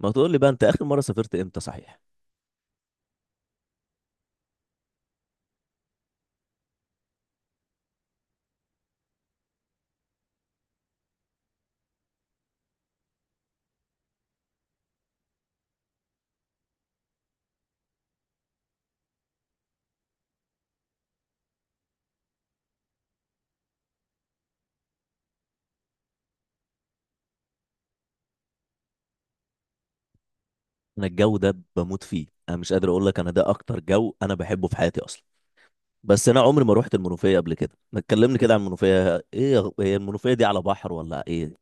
ما تقول لي بقى، انت اخر مره سافرت امتى؟ صحيح. انا الجو ده بموت فيه. انا مش قادر اقول لك، انا ده اكتر جو انا بحبه في حياتي اصلا. بس انا عمري ما روحت المنوفيه قبل كده. ما تكلمني كده عن المنوفيه. ايه هي المنوفيه دي على بحر ولا ايه؟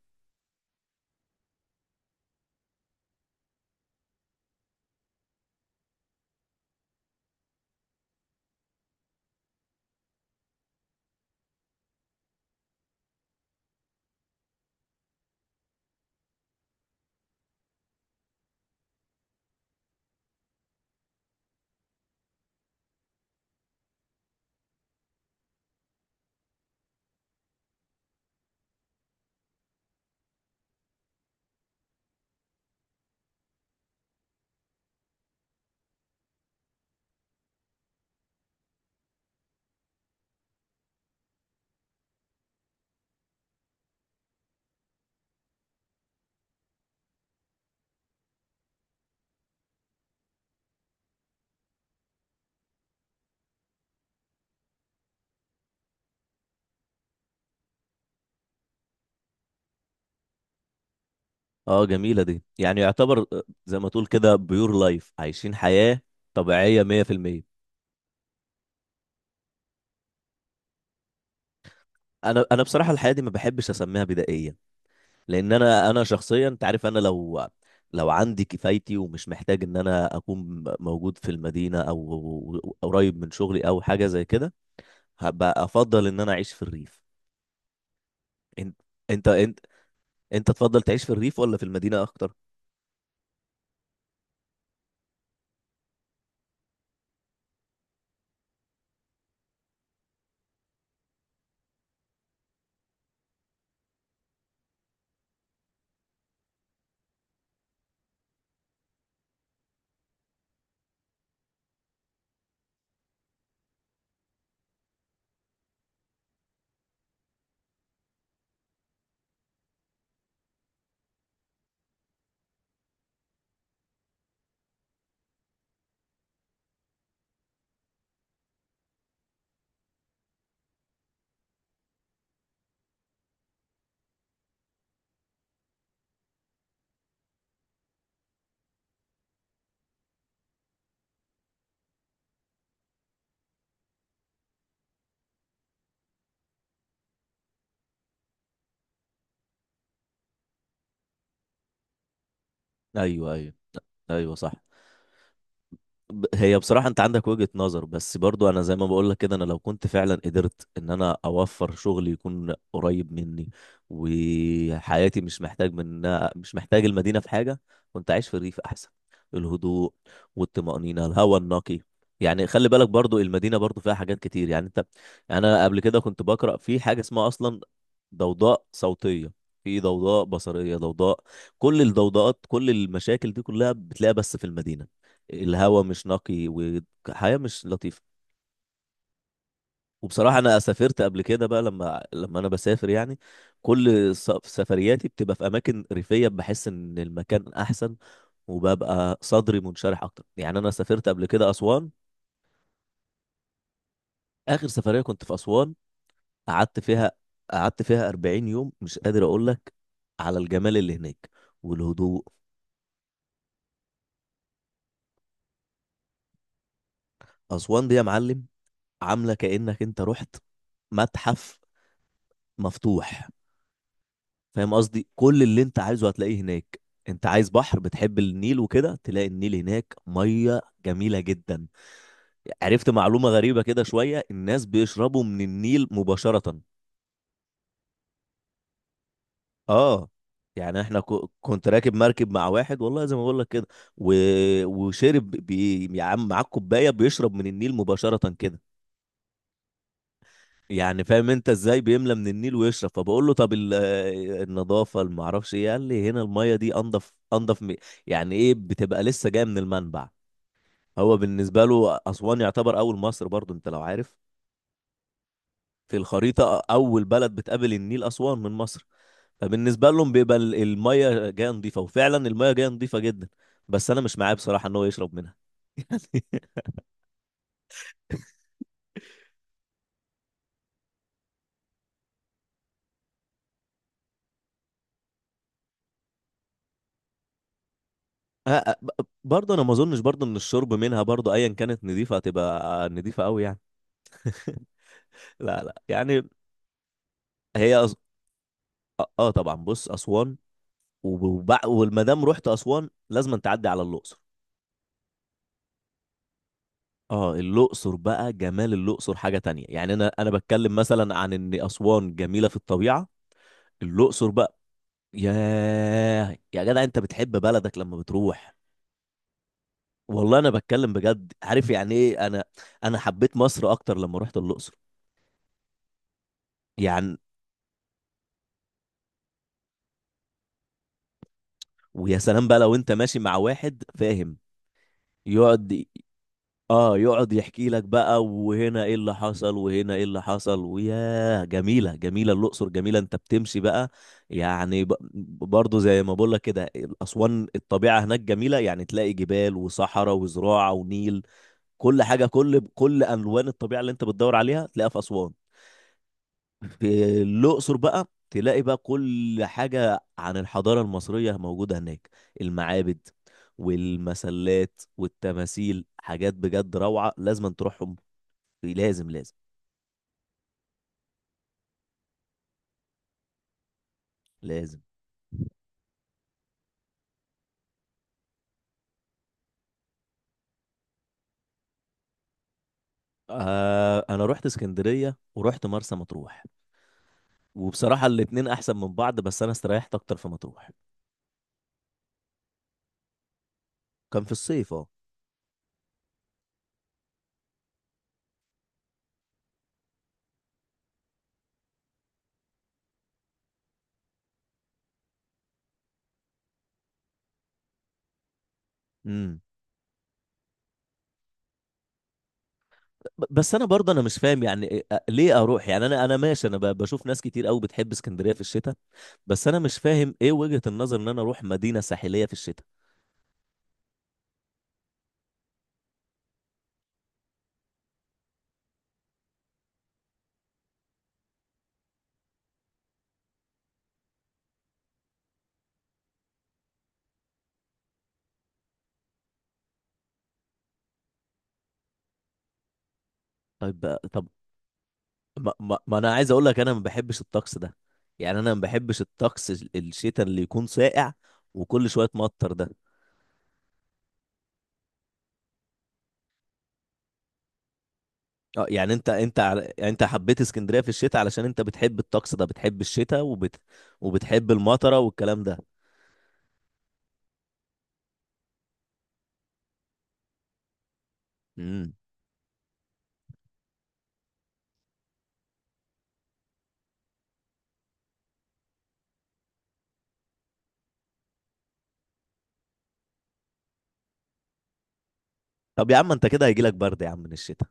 اه جميله دي، يعني يعتبر زي ما تقول كده بيور لايف، عايشين حياه طبيعيه 100%. انا بصراحه الحياه دي ما بحبش اسميها بدائيه، لان انا شخصيا، انت عارف انا لو عندي كفايتي ومش محتاج ان انا اكون موجود في المدينه او قريب من شغلي او حاجه زي كده، هبقى افضل ان انا اعيش في الريف. انت انت انت تفضل تعيش في الريف ولا في المدينه اكتر؟ ايوه، ايوه. ايوه صح. هي بصراحة انت عندك وجهة نظر، بس برضو انا زي ما بقول لك كده، انا لو كنت فعلا قدرت ان انا اوفر شغل يكون قريب مني، وحياتي مش محتاج من مش محتاج المدينة في حاجة، كنت عايش في الريف احسن. الهدوء والطمأنينة، الهواء النقي. يعني خلي بالك برضو المدينة برضو فيها حاجات كتير، يعني انت، يعني انا قبل كده كنت بقرأ في حاجة اسمها اصلا ضوضاء صوتية، في ضوضاء بصرية، ضوضاء. كل الضوضاءات كل المشاكل دي كلها بتلاقيها بس في المدينة. الهوا مش نقي وحياة مش لطيفة. وبصراحة أنا سافرت قبل كده بقى. لما أنا بسافر يعني كل سفرياتي بتبقى في أماكن ريفية، بحس إن المكان أحسن وببقى صدري منشرح أكتر. يعني أنا سافرت قبل كده أسوان. آخر سفرية كنت في أسوان، قعدت فيها قعدت فيها 40 يوم. مش قادر أقول لك على الجمال اللي هناك والهدوء. أسوان دي يا معلم، عاملة كأنك أنت رحت متحف مفتوح. فاهم قصدي؟ كل اللي انت عايزه هتلاقيه هناك. انت عايز بحر، بتحب النيل وكده، تلاقي النيل هناك، ميه جميله جدا. عرفت معلومه غريبه كده شويه، الناس بيشربوا من النيل مباشره. اه يعني احنا كنت راكب مركب مع واحد، والله زي ما بقول لك كده، و... وشرب يا عم، معاه كوبايه بيشرب من النيل مباشره كده. يعني فاهم انت ازاي بيملى من النيل ويشرب. فبقول له طب النظافه اللي معرفش ايه، قال لي هنا الميه دي انضف، يعني ايه، بتبقى لسه جايه من المنبع. هو بالنسبه له اسوان يعتبر اول مصر، برضو انت لو عارف، في الخريطه اول بلد بتقابل النيل اسوان من مصر، فبالنسبه لهم بيبقى الميه جايه نظيفه، وفعلا الميه جايه نظيفه جدا، بس انا مش معاه بصراحه ان هو يشرب منها. يعني برضه انا ما اظنش برضه ان الشرب منها، برضه ايا كانت نظيفه هتبقى نظيفه قوي يعني. لا لا يعني. هي أص... اه طبعا، بص اسوان والمدام رحت اسوان لازم تعدي على الاقصر. اه الاقصر بقى، جمال الاقصر حاجه تانية. يعني انا بتكلم مثلا عن ان اسوان جميله في الطبيعه، الاقصر بقى، ياه يا جدع، انت بتحب بلدك لما بتروح. والله انا بتكلم بجد، عارف يعني ايه، انا انا حبيت مصر اكتر لما رحت الاقصر. يعني ويا سلام بقى لو انت ماشي مع واحد فاهم، يقعد، اه يقعد يحكي لك بقى، وهنا ايه اللي حصل وهنا ايه اللي حصل، وياه جميله، جميله الاقصر، جميله. انت بتمشي بقى، يعني ب- برضو زي ما بقول لك كده، اسوان الطبيعه هناك جميله، يعني تلاقي جبال وصحراء وزراعه ونيل. كل حاجه، كل الوان الطبيعه اللي انت بتدور عليها تلاقيها في اسوان. في الأقصر بقى تلاقي بقى كل حاجة عن الحضارة المصرية موجودة هناك، المعابد والمسلات والتماثيل. حاجات بجد روعة، لازم تروحهم. لازم، لازم، لازم. آه أنا رحت اسكندرية ورحت مرسى مطروح. وبصراحة الاتنين أحسن من بعض، بس أنا استريحت أكتر في مطروح. كان في الصيف اه. بس انا برضه انا مش فاهم، يعني ليه اروح؟ يعني انا انا ماشي، انا بشوف ناس كتير قوي بتحب اسكندريه في الشتاء، بس انا مش فاهم ايه وجهة النظر ان انا اروح مدينه ساحليه في الشتاء. طب ما انا عايز اقول لك انا ما بحبش الطقس ده. يعني انا ما بحبش الطقس الشتاء اللي يكون ساقع وكل شويه مطر ده. اه يعني انت حبيت اسكندريه في الشتاء علشان انت بتحب الطقس ده، بتحب الشتاء وبت، وبتحب المطره والكلام ده. امم. طب يا عم انت كده هيجيلك برد يا عم من الشتاء.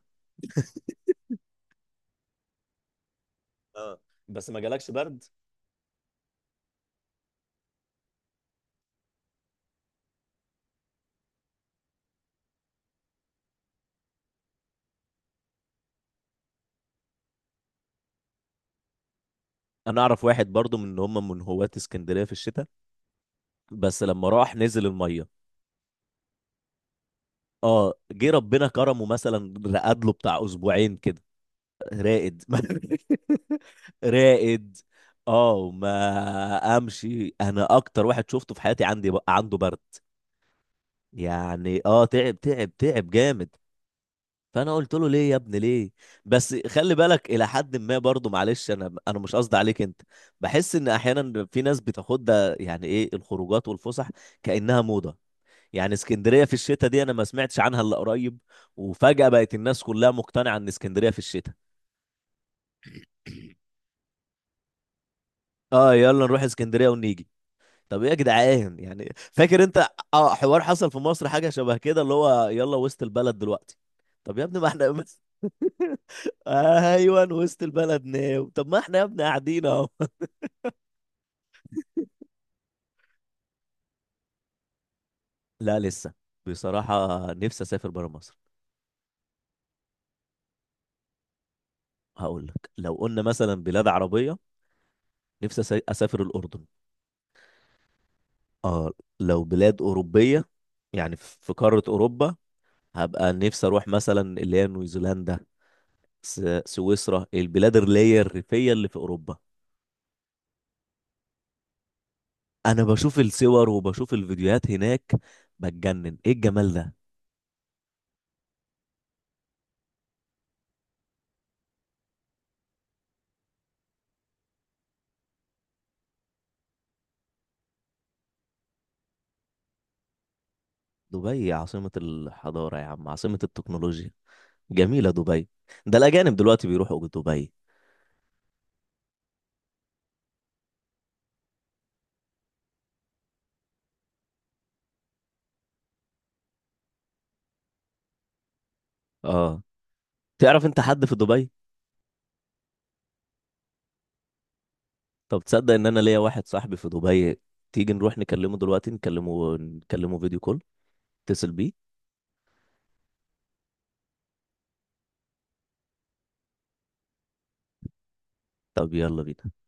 اه بس ما جالكش برد. انا اعرف واحد برضو من ان هم من هواة اسكندريه في الشتاء، بس لما راح نزل الميه، اه جه ربنا كرمه مثلا، رقد له بتاع اسبوعين كده. راقد راقد. اه ما امشي، انا اكتر واحد شفته في حياتي عندي عنده برد. يعني اه تعب، تعب، تعب جامد. فانا قلت له ليه يا ابني ليه؟ بس خلي بالك الى حد ما برضه، معلش انا انا مش قصدي عليك انت، بحس ان احيانا في ناس بتاخد ده يعني ايه، الخروجات والفسح كانها موضه. يعني اسكندريه في الشتاء دي انا ما سمعتش عنها الا قريب، وفجاه بقت الناس كلها مقتنعه ان اسكندريه في الشتاء، اه يلا نروح اسكندريه ونيجي. طب ايه يا جدعان، يعني فاكر انت اه حوار حصل في مصر حاجه شبه كده، اللي هو يلا وسط البلد دلوقتي؟ طب يا ابني ما احنا ايوه، وسط البلد ناو. طب ما احنا يا ابني قاعدين اهو. لا لسه، بصراحة نفسي اسافر برا مصر. هقول لك، لو قلنا مثلا بلاد عربية، نفسي اسافر الاردن. اه لو بلاد اوروبية، يعني في في قارة اوروبا، هبقى نفسي اروح مثلا اللي هي نيوزيلندا، س- سويسرا، البلاد اللي هي الريفية اللي في اوروبا. انا بشوف الصور وبشوف الفيديوهات هناك، بتجنن، ايه الجمال ده. دبي عاصمة الحضارة يا عم، عاصمة التكنولوجيا، جميلة دبي. ده الأجانب دلوقتي بيروحوا دبي. اه، تعرف أنت حد في دبي؟ طب تصدق إن أنا ليا واحد صاحبي في دبي؟ تيجي نروح نكلمه دلوقتي، نكلمه، نكلمه فيديو كول، اتصل بيه. طب يلا بينا.